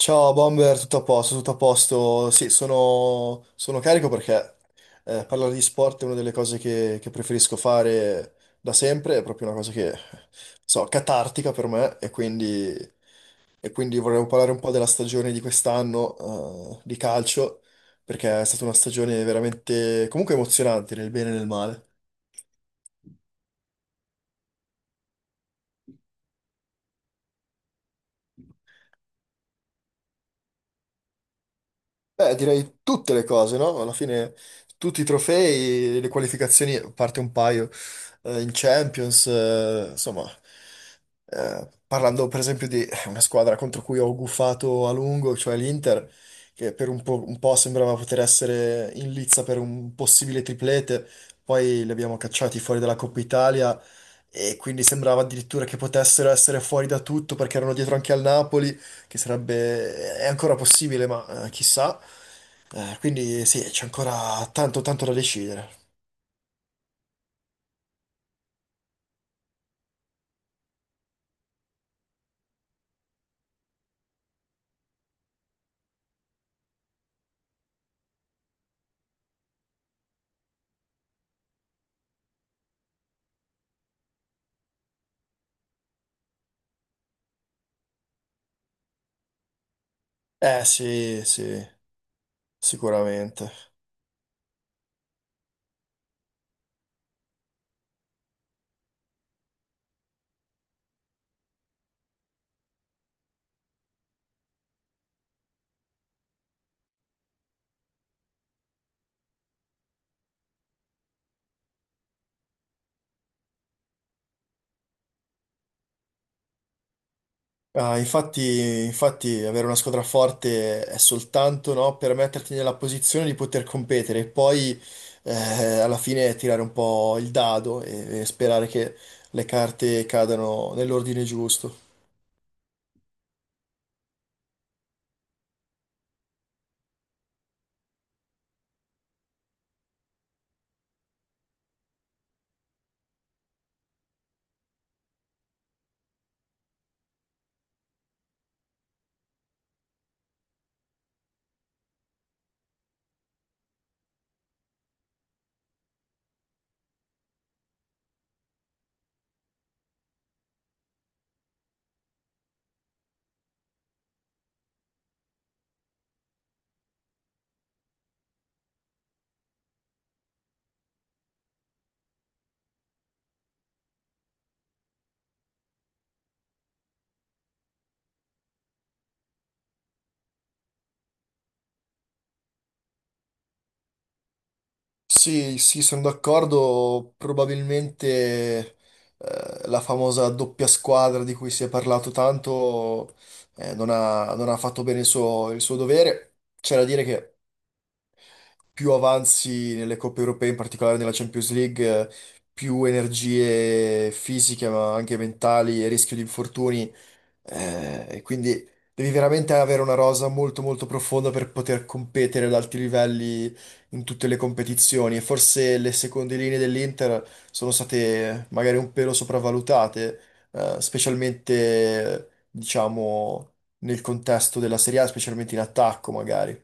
Ciao Bomber, tutto a posto, tutto a posto. Sì, sono carico perché parlare di sport è una delle cose che preferisco fare da sempre, è proprio una cosa che, so, catartica per me e quindi vorrei parlare un po' della stagione di quest'anno di calcio, perché è stata una stagione veramente comunque emozionante nel bene e nel male. Beh, direi tutte le cose, no? Alla fine tutti i trofei, le qualificazioni, a parte un paio, in Champions, insomma, parlando per esempio di una squadra contro cui ho gufato a lungo, cioè l'Inter, che per un po' sembrava poter essere in lizza per un possibile triplete, poi li abbiamo cacciati fuori dalla Coppa Italia e quindi sembrava addirittura che potessero essere fuori da tutto perché erano dietro anche al Napoli che sarebbe, è ancora possibile, ma chissà. Quindi sì, c'è ancora tanto da decidere. Eh sì, sì, sicuramente. Ah, infatti avere una squadra forte è soltanto, no, per metterti nella posizione di poter competere e poi eh, alla fine tirare un po' il dado e sperare che le carte cadano nell'ordine giusto. Sì, sì, sono d'accordo. Probabilmente la famosa doppia squadra di cui si è parlato tanto non ha fatto bene il suo dovere. C'è da dire che più avanzi nelle coppe europee, in particolare nella Champions League, più energie fisiche, ma anche mentali e rischio di infortuni e quindi devi veramente avere una rosa molto molto profonda per poter competere ad alti livelli in tutte le competizioni. E forse le seconde linee dell'Inter sono state magari un pelo sopravvalutate, specialmente diciamo nel contesto della Serie A, specialmente in attacco magari.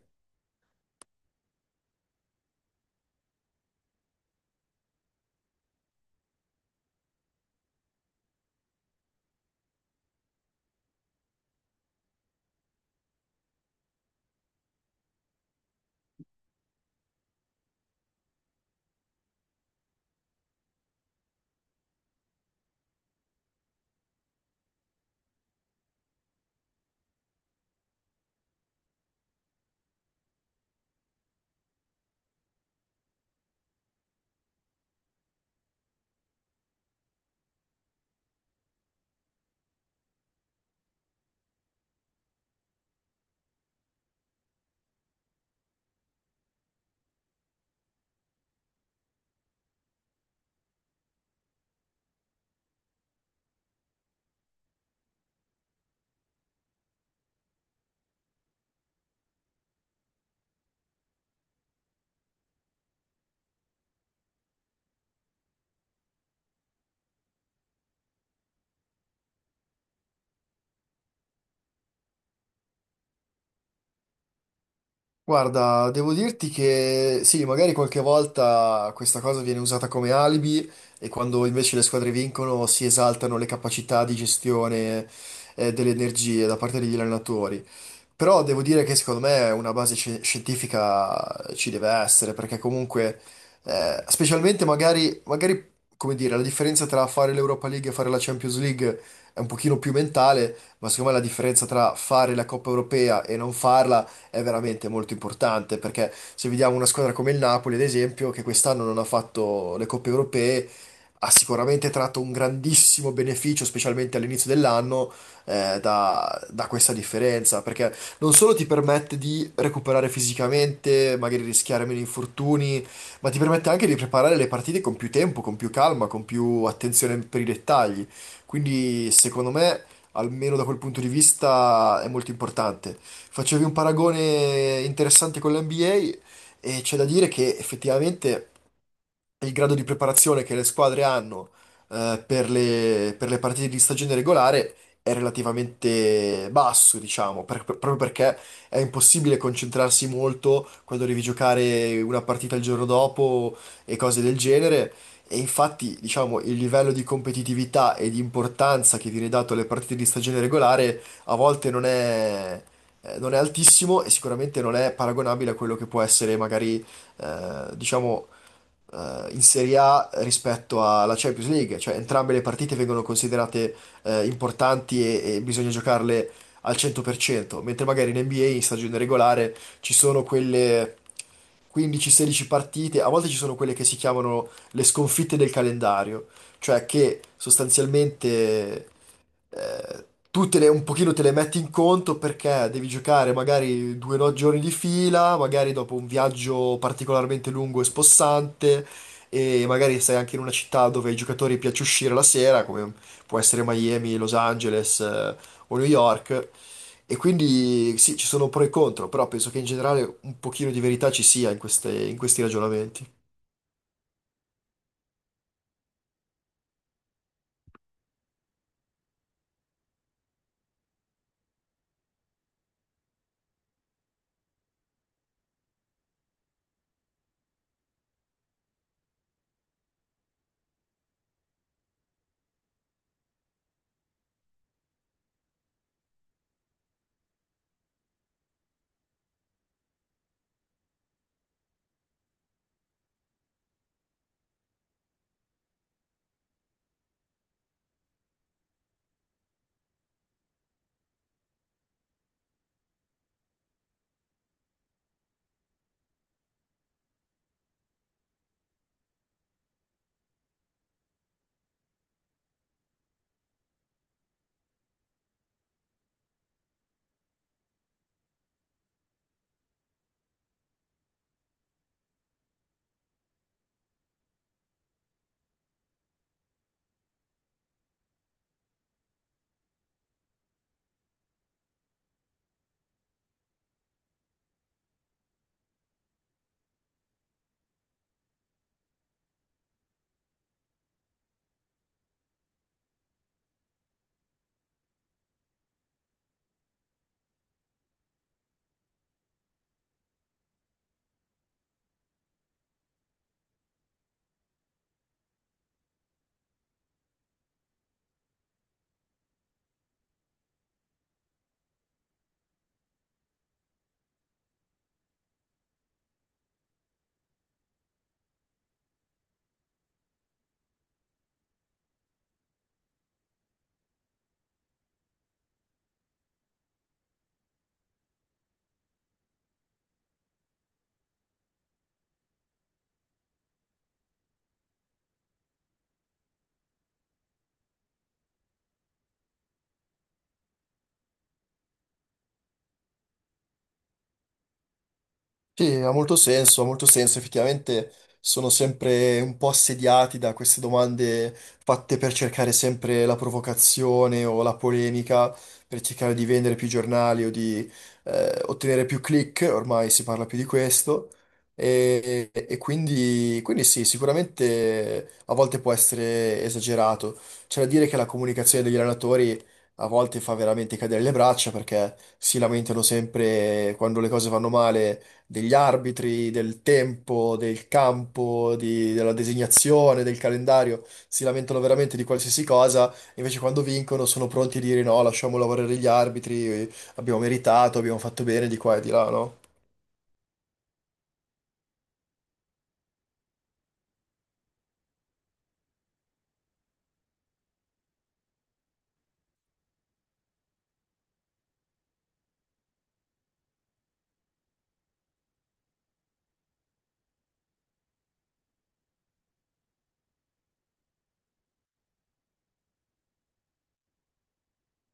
Guarda, devo dirti che sì, magari qualche volta questa cosa viene usata come alibi e quando invece le squadre vincono si esaltano le capacità di gestione delle energie da parte degli allenatori. Però devo dire che secondo me una base scientifica ci deve essere, perché comunque, specialmente magari, come dire, la differenza tra fare l'Europa League e fare la Champions League è un pochino più mentale, ma secondo me la differenza tra fare la Coppa Europea e non farla è veramente molto importante, perché se vediamo una squadra come il Napoli, ad esempio, che quest'anno non ha fatto le Coppe Europee, ha sicuramente tratto un grandissimo beneficio, specialmente all'inizio dell'anno da questa differenza, perché non solo ti permette di recuperare fisicamente, magari rischiare meno infortuni, ma ti permette anche di preparare le partite con più tempo, con più calma, con più attenzione per i dettagli. Quindi, secondo me, almeno da quel punto di vista, è molto importante. Facevi un paragone interessante con l'NBA e c'è da dire che effettivamente il grado di preparazione che le squadre hanno per per le partite di stagione regolare è relativamente basso, diciamo, proprio perché è impossibile concentrarsi molto quando devi giocare una partita il giorno dopo e cose del genere. E infatti, diciamo, il livello di competitività e di importanza che viene dato alle partite di stagione regolare a volte non è altissimo e sicuramente non è paragonabile a quello che può essere magari diciamo, in Serie A rispetto alla Champions League, cioè entrambe le partite vengono considerate importanti e bisogna giocarle al 100%, mentre magari in NBA in stagione regolare ci sono quelle 15-16 partite, a volte ci sono quelle che si chiamano le sconfitte del calendario, cioè che sostanzialmente eh, tu un pochino te le metti in conto perché devi giocare magari due no- giorni di fila, magari dopo un viaggio particolarmente lungo e spossante, e magari sei anche in una città dove ai giocatori piace uscire la sera, come può essere Miami, Los Angeles, o New York. E quindi sì, ci sono pro e contro, però penso che in generale un pochino di verità ci sia in in questi ragionamenti. Sì, ha molto senso, ha molto senso. Effettivamente sono sempre un po' assediati da queste domande fatte per cercare sempre la provocazione o la polemica, per cercare di vendere più giornali o di ottenere più click, ormai si parla più di questo. Quindi sì, sicuramente a volte può essere esagerato. C'è da dire che la comunicazione degli allenatori a volte fa veramente cadere le braccia perché si lamentano sempre quando le cose vanno male degli arbitri, del tempo, del campo, della designazione, del calendario, si lamentano veramente di qualsiasi cosa, invece quando vincono sono pronti a dire no, lasciamo lavorare gli arbitri, abbiamo meritato, abbiamo fatto bene di qua e di là, no?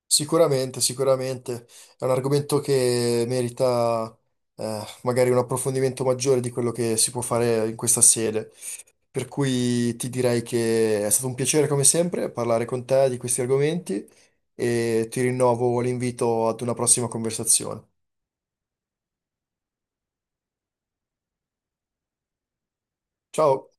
Sicuramente, sicuramente è un argomento che merita magari un approfondimento maggiore di quello che si può fare in questa sede. Per cui ti direi che è stato un piacere come sempre parlare con te di questi argomenti e ti rinnovo l'invito ad una prossima conversazione. Ciao!